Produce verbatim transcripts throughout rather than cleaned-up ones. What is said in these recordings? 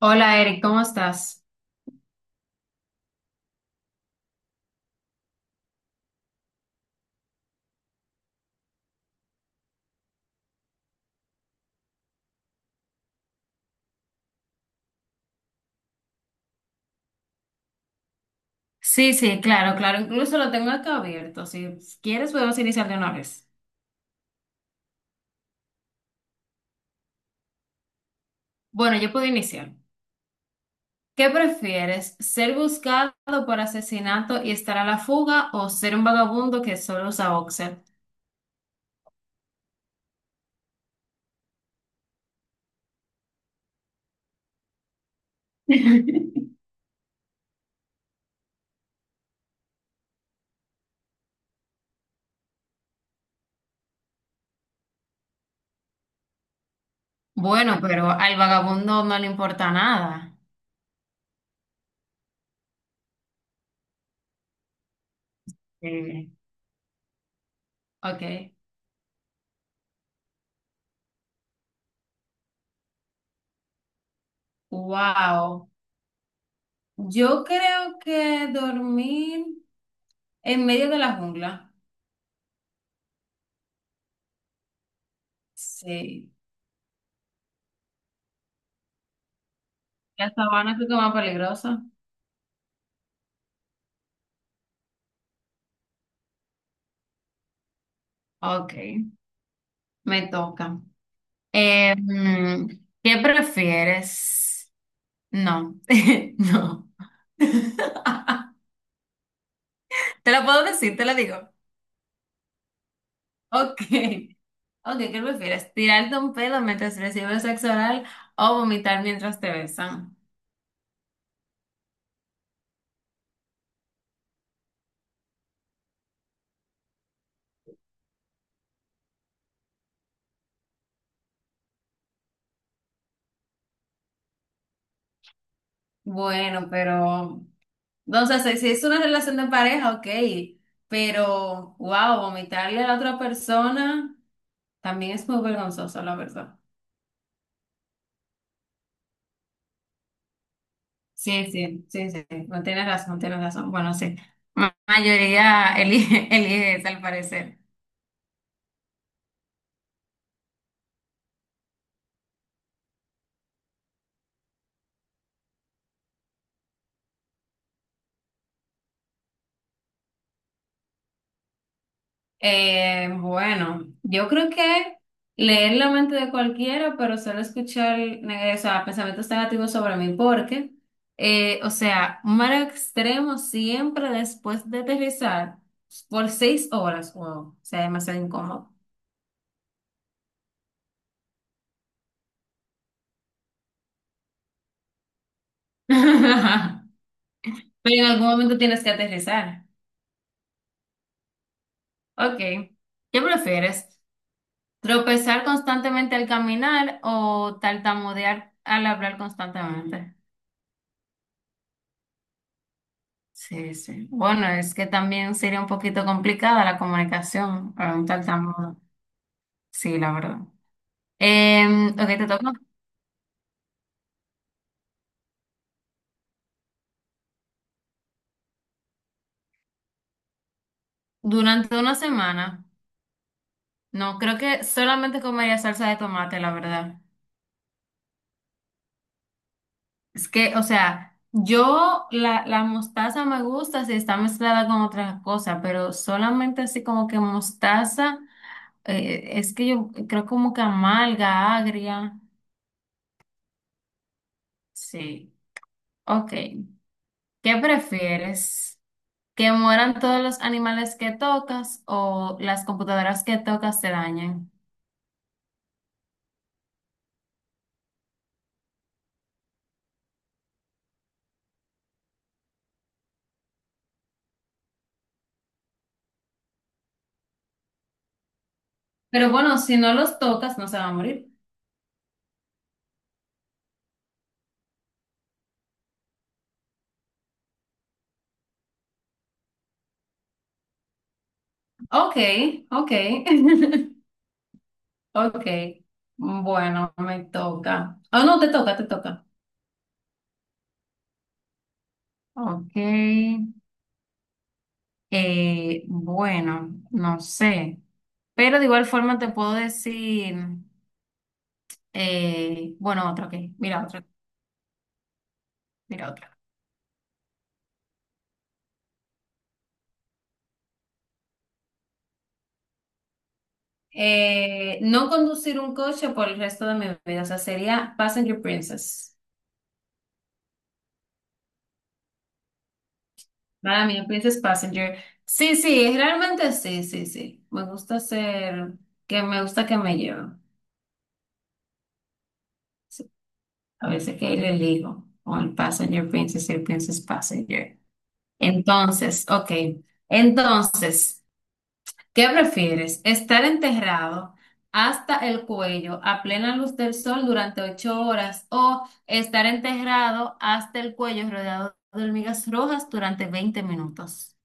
Hola Eric, ¿cómo estás? Sí, sí, claro, claro. Incluso lo tengo acá abierto. Si quieres, podemos iniciar de una vez. Bueno, yo puedo iniciar. ¿Qué prefieres? ¿Ser buscado por asesinato y estar a la fuga o ser un vagabundo que solo usa boxer? Bueno, pero al vagabundo no le importa nada. Sí. Ok. Wow. Yo creo que dormir en medio de la jungla. Sí. La sabana creo que es más peligrosa. Ok, me toca. Eh, mm, ¿qué prefieres? No, no. Te lo puedo decir, te lo digo. Ok, ok, ¿qué prefieres? ¿Tirarte un pedo mientras recibes sexo oral o vomitar mientras te besan? Bueno, pero, no sé, si si es una relación de pareja, ok, pero, wow, vomitarle a la otra persona también es muy vergonzoso, la verdad. Sí, sí, sí, sí, no tienes razón, tienes razón. Bueno, sí, la mayoría elige, elige esa al parecer. Eh, bueno, yo creo que leer la mente de cualquiera, pero solo escuchar eh, o sea, pensamientos negativos sobre mí, porque, eh, o sea, un mar extremo siempre después de aterrizar por seis horas, wow, o sea, demasiado incómodo. Pero en algún momento tienes que aterrizar. Ok, ¿qué prefieres? Tropezar constantemente al caminar o tartamudear al hablar constantemente. Sí, sí. Bueno, es que también sería un poquito complicada la comunicación para un tartamudo. Sí, la verdad. Eh, ok, te toca. Durante una semana, no, creo que solamente comería salsa de tomate, la verdad. Es que, o sea, yo la, la mostaza me gusta si está mezclada con otras cosas, pero solamente así como que mostaza, eh, es que yo creo como que amarga, agria. Sí. Ok. ¿Qué prefieres? ¿Que mueran todos los animales que tocas o las computadoras que tocas se dañen? Pero bueno, si no los tocas, no se va a morir. Ok, ok. Ok. Bueno, me toca. Oh, no, te toca, te toca. Ok, eh, bueno, no sé, pero de igual forma te puedo decir, eh, bueno, otra, ok, mira otra, mira otra. Eh, no conducir un coche por el resto de mi vida, o sea, sería Passenger Princess. Para mí, Princess Passenger. Sí, sí, realmente sí, sí, sí. Me gusta ser, que me gusta que me lleven. Sí, a veces que ahí le elijo, o el Passenger Princess y el Princess Passenger. Entonces, ok. Entonces, ¿qué prefieres? ¿Estar enterrado hasta el cuello a plena luz del sol durante ocho horas o estar enterrado hasta el cuello rodeado de hormigas rojas durante veinte minutos?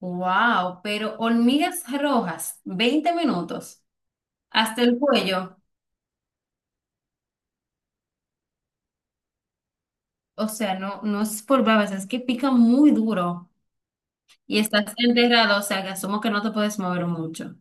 Wow, pero hormigas rojas, veinte minutos hasta el cuello. O sea, no, no es por babas, es que pica muy duro y estás enterrado, o sea, que asumo que no te puedes mover mucho.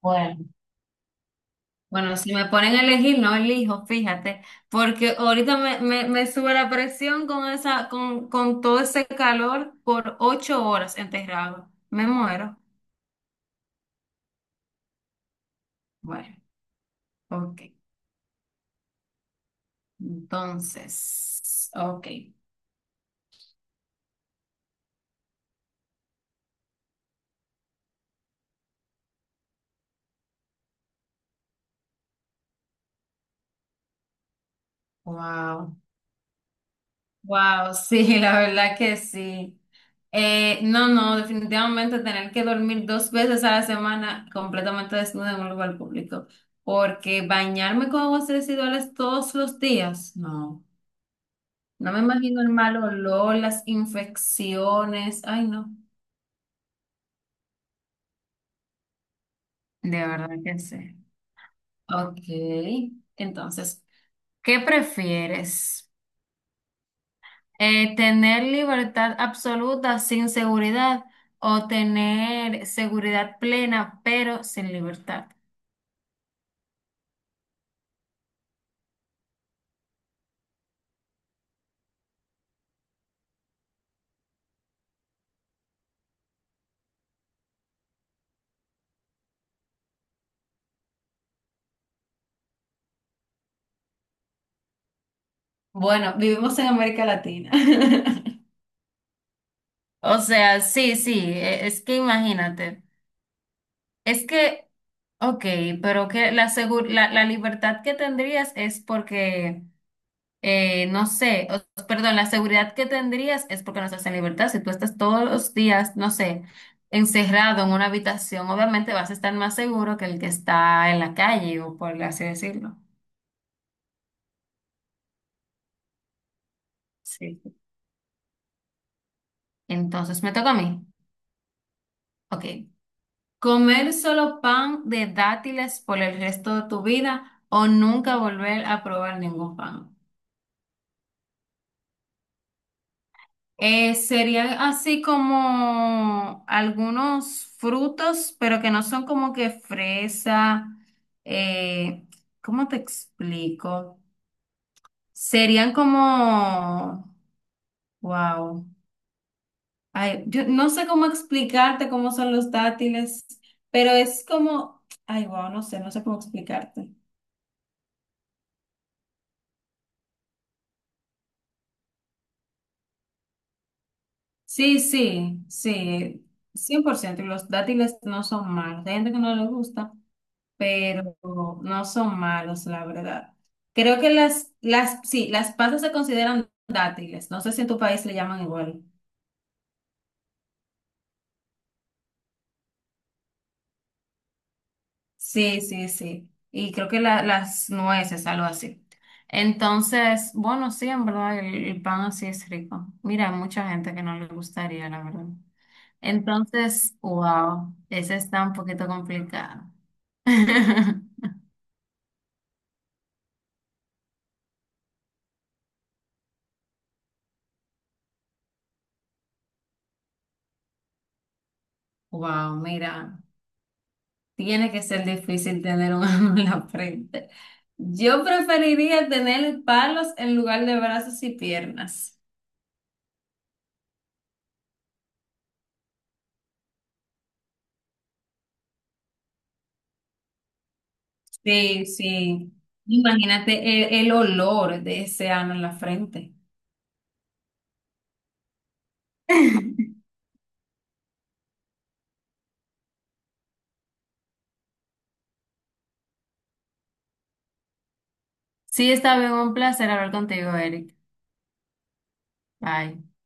Bueno. Bueno, si me ponen a elegir, no elijo, fíjate, porque ahorita me, me, me sube la presión con esa, con, con todo ese calor por ocho horas enterrado. Me muero. Bueno, ok. Entonces, ok. Wow. Wow, sí, la verdad que sí. Eh, no, no, definitivamente tener que dormir dos veces a la semana completamente desnuda en un lugar público, porque bañarme con aguas residuales todos los días, no. No me imagino el mal olor, las infecciones. Ay, no. De verdad que sí. Ok. Entonces, ¿qué prefieres? Eh, ¿tener libertad absoluta sin seguridad o tener seguridad plena pero sin libertad? Bueno, vivimos en América Latina. O sea, sí, sí, e- es que imagínate, es que, ok, pero que la, segur- la, la libertad que tendrías es porque eh, no sé, o- perdón, la seguridad que tendrías es porque no estás en libertad. Si tú estás todos los días, no sé, encerrado en una habitación, obviamente vas a estar más seguro que el que está en la calle o por así decirlo. Sí. Entonces me toca a mí. Ok. ¿Comer solo pan de dátiles por el resto de tu vida o nunca volver a probar ningún pan? Eh, serían así como algunos frutos, pero que no son como que fresa. eh, ¿Cómo te explico? Serían como, wow. Ay, yo no sé cómo explicarte cómo son los dátiles, pero es como, ay, wow, no sé, no sé cómo explicarte. Sí, sí, sí, cien por ciento. Y los dátiles no son malos. Hay gente que no les gusta, pero no son malos, la verdad. Creo que las, las, sí, las pasas se consideran dátiles. No sé si en tu país le llaman igual. Sí, sí, sí. Y creo que la- las nueces, algo así. Entonces, bueno, sí, en verdad, el, el pan así es rico. Mira, hay mucha gente que no le gustaría, la verdad. Entonces, wow, ese está un poquito complicado. Wow, mira. Tiene que ser difícil tener un ángulo en la frente. Yo preferiría tener palos en lugar de brazos y piernas. Sí, sí. Imagínate el, el olor de ese ano en la frente. Sí, está bien, un placer hablar contigo, Eric. Bye.